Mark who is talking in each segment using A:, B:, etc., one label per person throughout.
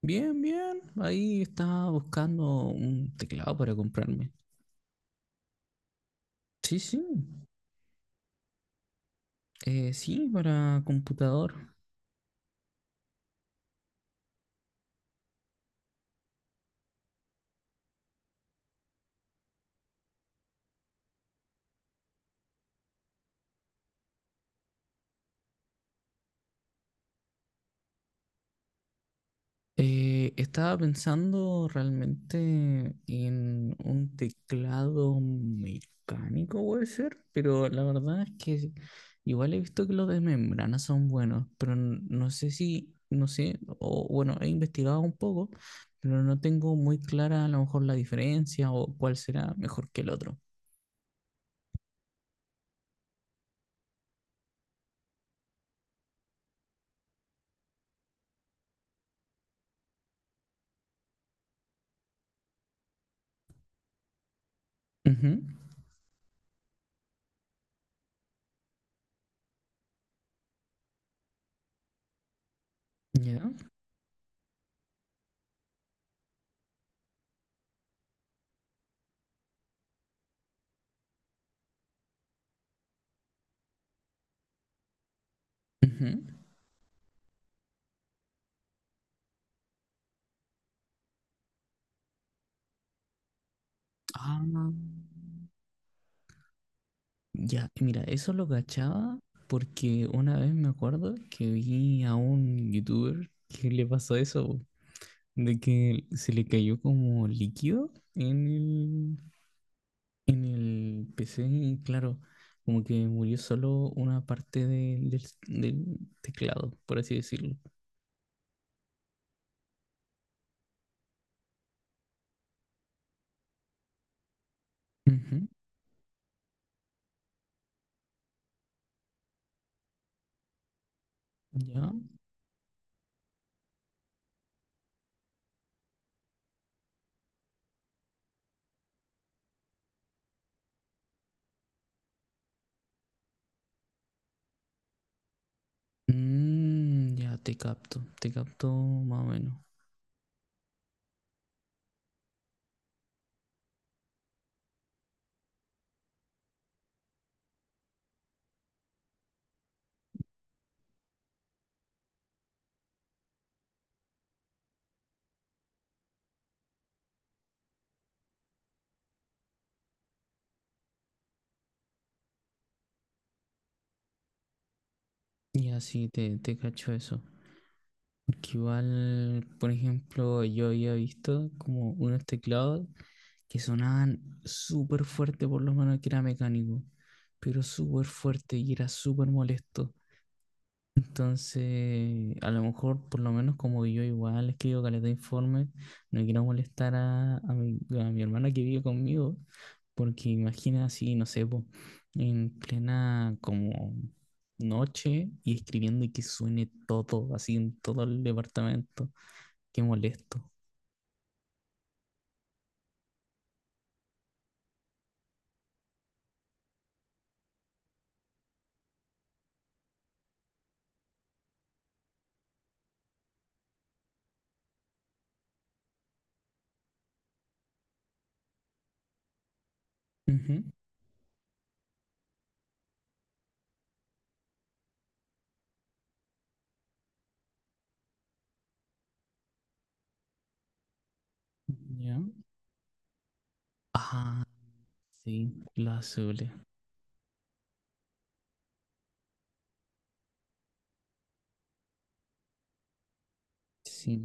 A: Bien, bien. Ahí estaba buscando un teclado para comprarme. Sí, sí. Sí, para computador. Estaba pensando realmente en un teclado mecánico, puede ser, pero la verdad es que igual he visto que los de membrana son buenos, pero no sé si, no sé, o bueno, he investigado un poco, pero no tengo muy clara a lo mejor la diferencia o cuál será mejor que el otro. Ujú. ¿Ya? Ujú. Ah, ya, mira, eso lo cachaba porque una vez me acuerdo que vi a un youtuber que le pasó eso, po, de que se le cayó como líquido en el PC y claro, como que murió solo una parte del teclado, por así decirlo. Ujú. Ya. Mm, ya te capto más o menos. Ya, sí, te cacho eso. Que igual, por ejemplo, yo había visto como unos teclados que sonaban súper fuerte, por lo menos que era mecánico, pero súper fuerte y era súper molesto. Entonces, a lo mejor, por lo menos como yo igual escribo caleta de informes, no quiero molestar a, a mi hermana que vive conmigo, porque imagina así, no sé, po, en plena como noche y escribiendo y que suene todo, así en todo el departamento. Qué molesto. Ujú. ¿Ya? Ah, sí, los azules. Sí.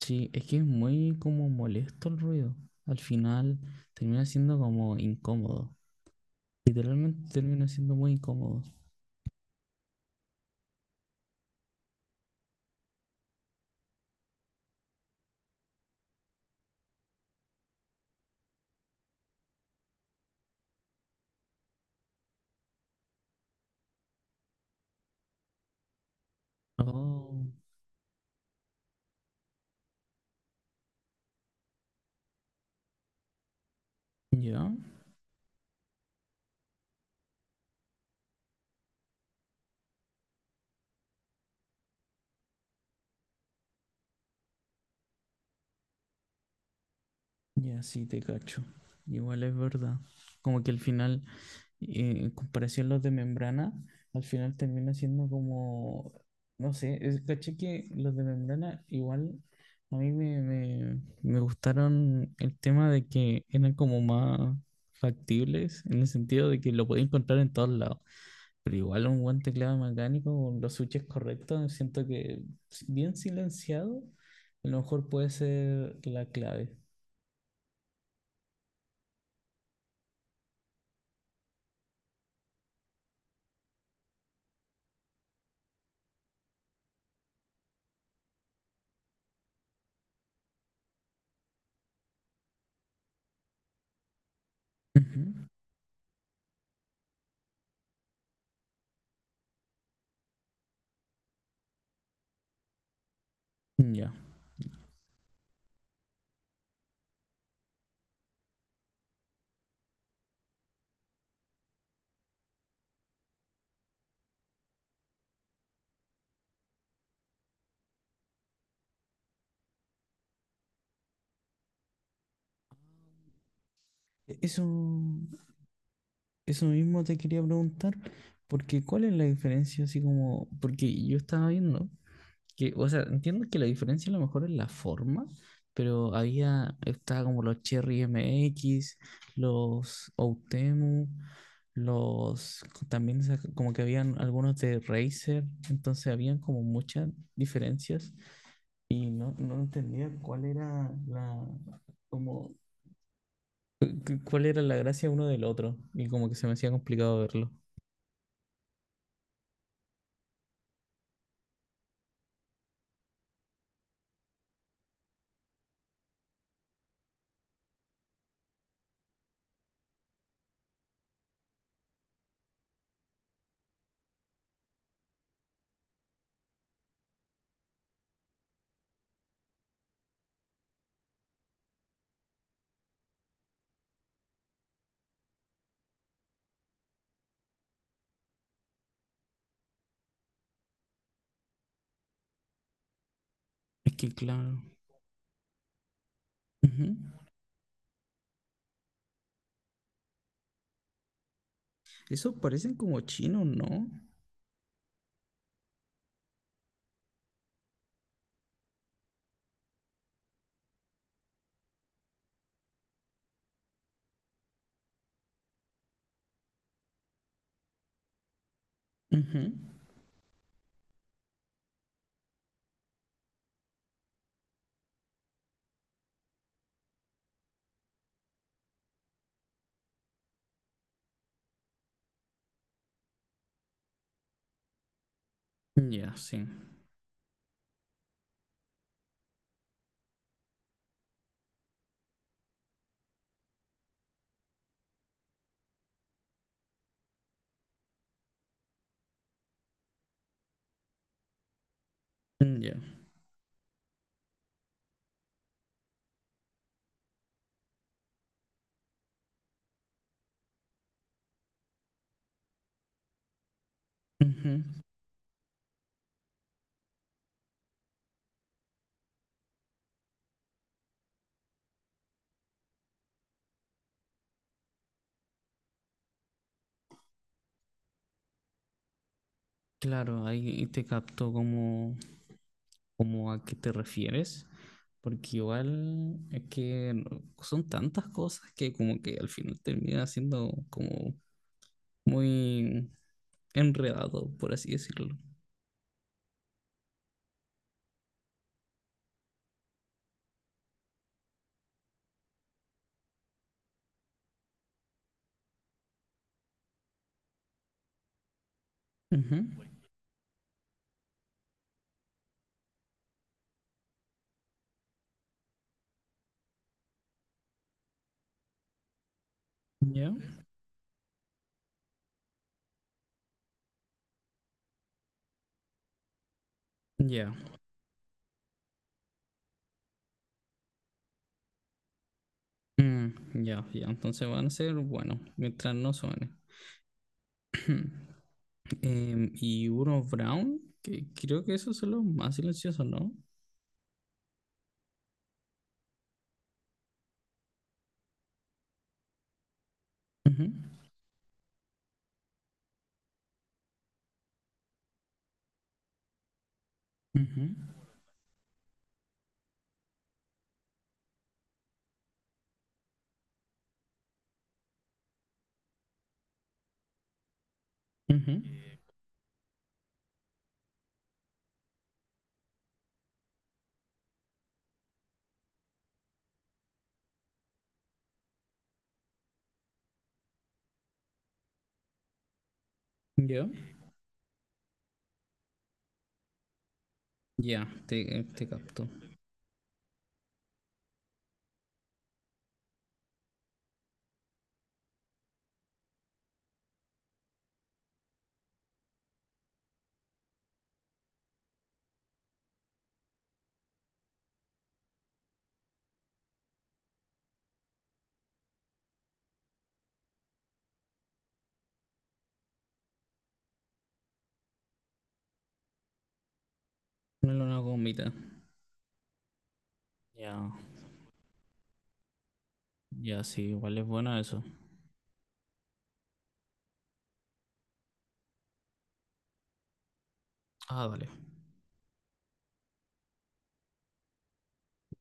A: Sí, es que es muy como molesto el ruido. Al final termina siendo como incómodo. Literalmente termina siendo muy incómodo. Oh, ya. Ya, sí, te cacho. Igual es verdad. Como que al final, en comparación a los de membrana, al final termina siendo como, no sé, es, caché que los de membrana igual a mí me gustaron el tema de que eran como más factibles, en el sentido de que lo podía encontrar en todos lados. Pero igual un buen teclado mecánico con los switches correctos, siento que bien silenciado, a lo mejor puede ser la clave. Ujú. Ya. Eso, eso mismo te quería preguntar, porque ¿cuál es la diferencia? Así como, porque yo estaba viendo que, o sea, entiendo que la diferencia a lo mejor es la forma, pero había, estaba como los Cherry MX, los Outemu, los, también como que habían algunos de Razer, entonces habían como muchas diferencias y no, no entendía cuál era la, como cuál era la gracia uno del otro. Y como que se me hacía complicado verlo. Es que claro. Ujú. Esos parecen como chinos, ¿no? Ujú. Ya, sí. Mm, ya. Ujú. Claro, ahí te capto como, como a qué te refieres. Porque igual es que no- son tantas cosas que como que al final termina siendo como muy enredado, por así decirlo. Ujú. Ya. Ya. Mm, ya, ya, entonces van a ser bueno, mientras no suene. Y uno Brown, que creo que esos son los más silenciosos, ¿no? Ujú, ujú, ujú. Ya, ya, te capto. Ponle una gomita. Ya, ya, sí, igual es bueno eso. Ah, vale.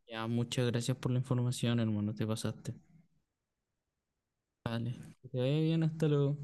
A: Ya, muchas gracias por la información, hermano, te pasaste. Vale, que te vaya bien, hasta luego.